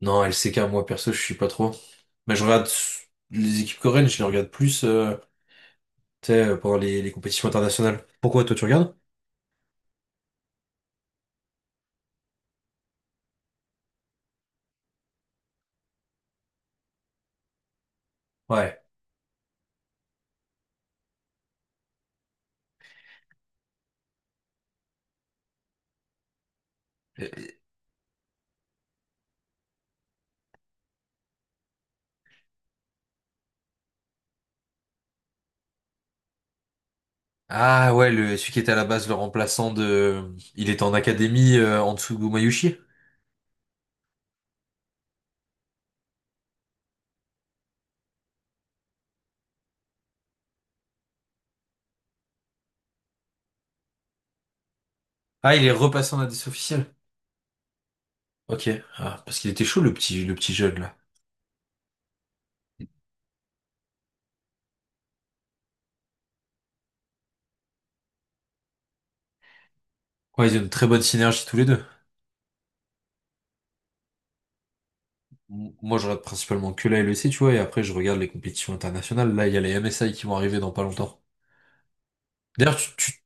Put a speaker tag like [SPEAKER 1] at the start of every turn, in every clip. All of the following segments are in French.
[SPEAKER 1] Non, LCK, moi perso, je suis pas trop. Mais je regarde les équipes coréennes, je les regarde plus tu sais, pendant les compétitions internationales. Pourquoi toi tu regardes? Ouais. Euh, Ah ouais, celui qui était à la base le remplaçant de... Il était en académie en dessous de Mayushi. Ah, il est repassé en indice officiel. Ok. Ah, parce qu'il était chaud le petit jeune là. Ouais, ils ont une très bonne synergie tous les deux. Moi, je regarde principalement que la LEC, tu vois, et après je regarde les compétitions internationales. Là, il y a les MSI qui vont arriver dans pas longtemps. D'ailleurs, tu.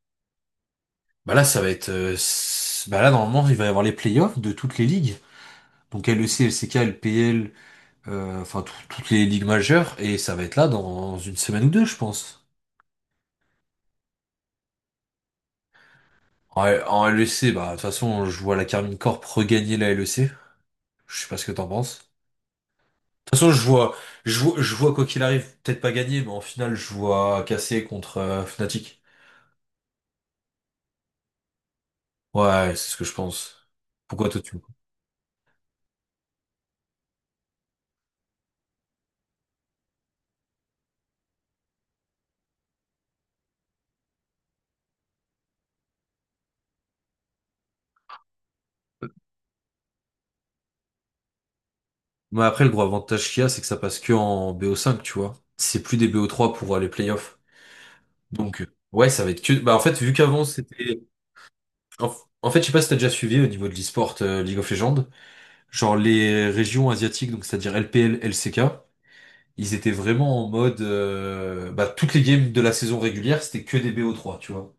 [SPEAKER 1] Bah là, ça va être. Bah là, normalement, il va y avoir les playoffs de toutes les ligues. Donc LEC, LCK, LPL, enfin toutes les ligues majeures. Et ça va être là dans une semaine ou deux, je pense. En LEC, bah de toute façon, je vois la Carmine Corp regagner la LEC. Je sais pas ce que t'en penses. De toute façon, je vois quoi qu'il arrive, peut-être pas gagner, mais en finale, je vois casser contre Fnatic. Ouais, c'est ce que je pense. Pourquoi toi tu... Mais après, le gros avantage qu'il y a, c'est que ça passe que en BO5, tu vois. C'est plus des BO3 pour les playoffs. Donc, ouais, ça va être que. Bah, en fait, vu qu'avant, c'était. En, en fait, je sais pas si t'as déjà suivi au niveau de l'e-sport League of Legends, genre les régions asiatiques, donc c'est-à-dire LPL, LCK, ils étaient vraiment en mode. Bah, toutes les games de la saison régulière, c'était que des BO3, tu vois.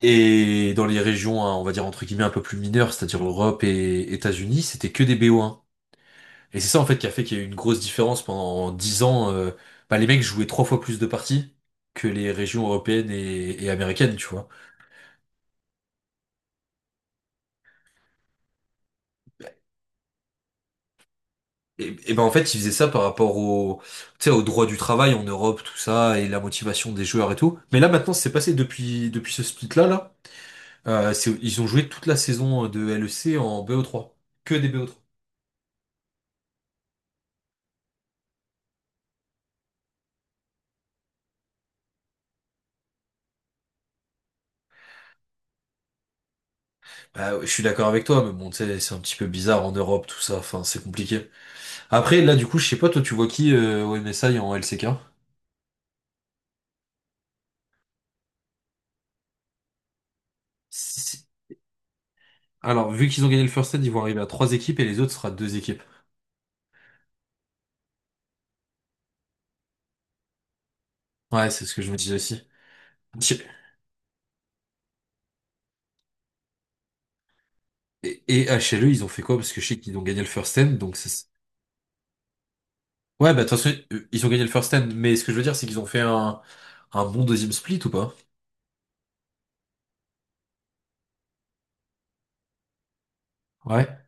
[SPEAKER 1] Et dans les régions, hein, on va dire entre guillemets un peu plus mineures, c'est-à-dire Europe et États-Unis, c'était que des BO1. Et c'est ça, en fait, qui a fait qu'il y a eu une grosse différence pendant 10 ans. Bah, les mecs jouaient trois fois plus de parties que les régions européennes et américaines, tu vois. Et ben en fait, ils faisaient ça par rapport au, tu sais, au droit du travail en Europe, tout ça, et la motivation des joueurs et tout. Mais là, maintenant, c'est passé depuis ce split-là, là. Ils ont joué toute la saison de LEC en BO3. Que des BO3. Bah, je suis d'accord avec toi, mais bon, tu sais, c'est un petit peu bizarre en Europe, tout ça. Enfin, c'est compliqué. Après, là, du coup, je sais pas, toi, tu vois qui au MSI en LCK? Si- si- Alors, vu qu'ils ont gagné le first set, ils vont arriver à trois équipes et les autres sera deux équipes. Ouais, c'est ce que je me disais aussi. Et HLE, ils ont fait quoi? Parce que je sais qu'ils ont gagné le first end, donc c'est... Ouais, bah de toute façon, ils ont gagné le first end, mais ce que je veux dire, c'est qu'ils ont fait un bon deuxième split ou pas? Ouais.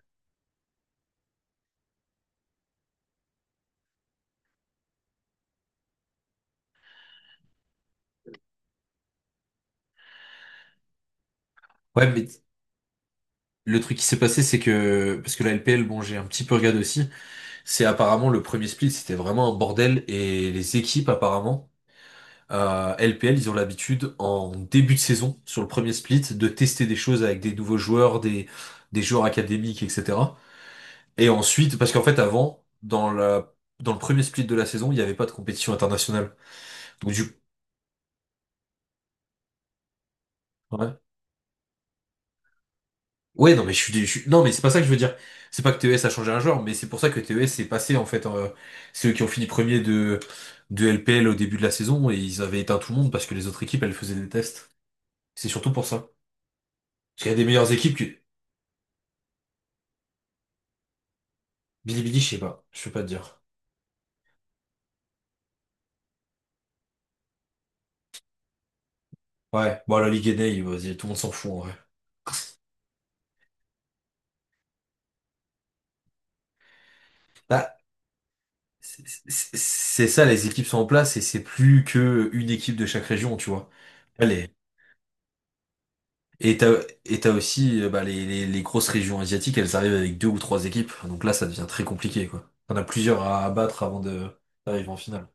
[SPEAKER 1] Ouais, mais le truc qui s'est passé, c'est que... Parce que la LPL, bon, j'ai un petit peu regardé aussi, c'est apparemment le premier split, c'était vraiment un bordel, et les équipes, apparemment, LPL, ils ont l'habitude, en début de saison, sur le premier split, de tester des choses avec des nouveaux joueurs, des joueurs académiques, etc. Et ensuite, parce qu'en fait, avant, dans le premier split de la saison, il n'y avait pas de compétition internationale. Donc, ouais. Ouais, non, mais je suis, dé- je suis- non, mais c'est pas ça que je veux dire. C'est pas que TES a changé un joueur, mais c'est pour ça que TES est passé, en fait, c'est eux qui ont fini premier de LPL au début de la saison et ils avaient éteint tout le monde parce que les autres équipes, elles faisaient des tests. C'est surtout pour ça. Parce qu'il y a des meilleures équipes que, Bilibili, je sais pas. Je peux pas te dire. Ouais. Bon, la Ligue Enei, vas-y, tout le monde s'en fout, en vrai. Bah, c'est ça, les équipes sont en place et c'est plus que une équipe de chaque région, tu vois. Allez. Et t'as aussi bah, les grosses régions asiatiques, elles arrivent avec deux ou trois équipes. Donc là, ça devient très compliqué, quoi. T'en as plusieurs à abattre avant de d'arriver en finale.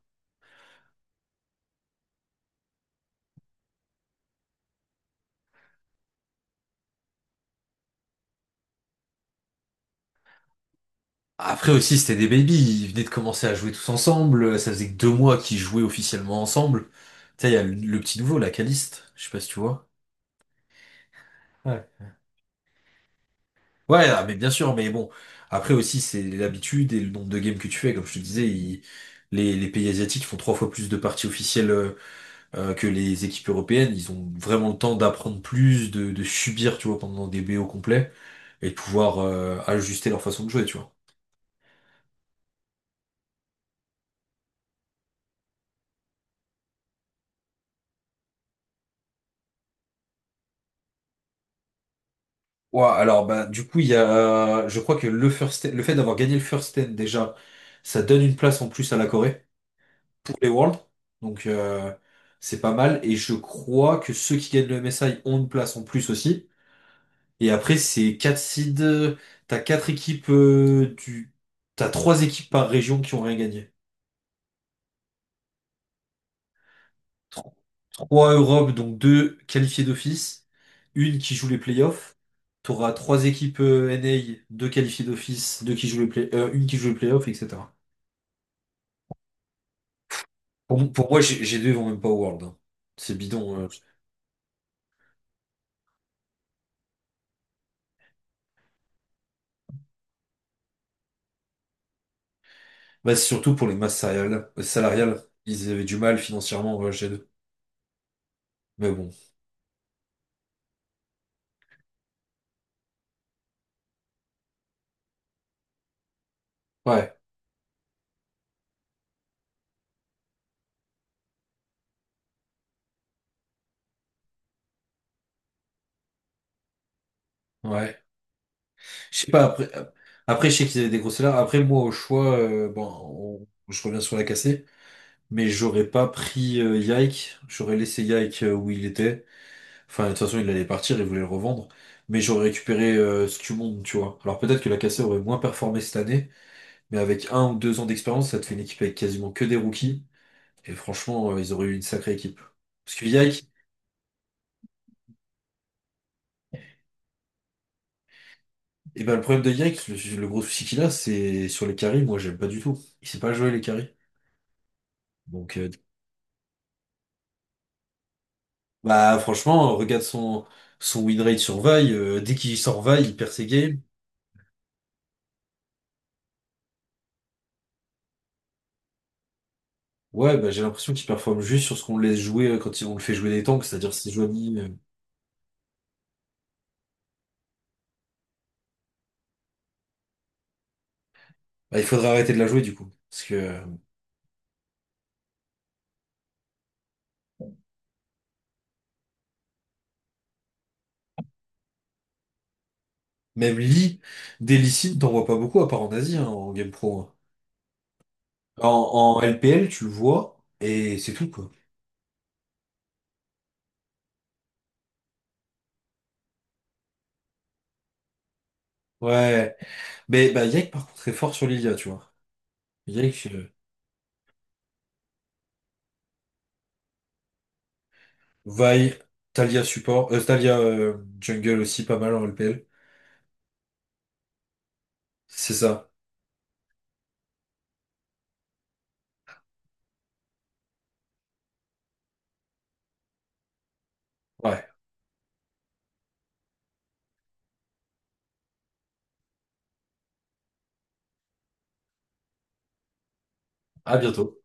[SPEAKER 1] Après aussi, c'était des baby. Ils venaient de commencer à jouer tous ensemble. Ça faisait que 2 mois qu'ils jouaient officiellement ensemble. Tu sais, il y a le petit nouveau, la Caliste. Je sais pas si tu vois. Ah, ouais, ah, mais bien sûr, mais bon, après aussi c'est l'habitude et le nombre de games que tu fais, comme je te disais, les pays asiatiques font trois fois plus de parties officielles que les équipes européennes, ils ont vraiment le temps d'apprendre plus, de subir, tu vois, pendant des BO complets, et de pouvoir ajuster leur façon de jouer, tu vois. Ouais, alors bah du coup il y a, je crois que le fait d'avoir gagné le first ten déjà, ça donne une place en plus à la Corée pour les Worlds, donc c'est pas mal, et je crois que ceux qui gagnent le MSI ont une place en plus aussi. Et après, c'est quatre seeds. T'as quatre équipes du. T'as trois équipes par région qui ont rien gagné. Tro- Trois Europe, donc deux qualifiées d'office, une qui joue les playoffs. T'auras trois équipes NA, deux qualifiées d'office, deux qui jouent les play- une qui joue les playoffs, etc. Pour moi, G2 vont même pas au World, hein. C'est bidon. Bah, c'est surtout pour les masses salariales. Ils avaient du mal financièrement, G2. Mais bon. Ouais, ouais. Je sais pas, après, je sais qu'ils avaient des grosses salaires. Après, moi, au choix, bon, je reviens sur la cassée, mais j'aurais pas pris Yike. J'aurais laissé Yike où il était. Enfin, de toute façon, il allait partir, il voulait le revendre. Mais j'aurais récupéré Scumonde, tu vois. Alors peut-être que la cassée aurait moins performé cette année, mais avec un ou deux ans d'expérience, ça te fait une équipe avec quasiment que des rookies. Et franchement, ils auraient eu une sacrée équipe. Parce que Yike, et ben, le problème de Yike, le gros souci qu'il a, c'est sur les carries, moi, j'aime pas du tout. Il sait pas jouer les carries. Donc, bah franchement, regarde son win rate sur Vi, dès qu'il sort Vi, il perd ses games. Ouais, bah j'ai l'impression qu'il performe juste sur ce qu'on le laisse jouer quand on le fait jouer des tanks, c'est-à-dire si Joanie, bah, il faudrait arrêter de la jouer du coup. Parce que même Lee, des Lee Sin, t'en vois pas beaucoup à part en Asie, hein, en Game Pro, hein. En LPL, tu le vois, et c'est tout, quoi. Ouais. Mais bah Yek par contre est fort sur Lilia, tu vois. Yek, Vi, Talia support, Talia jungle aussi pas mal en LPL. C'est ça. Ouais. À bientôt.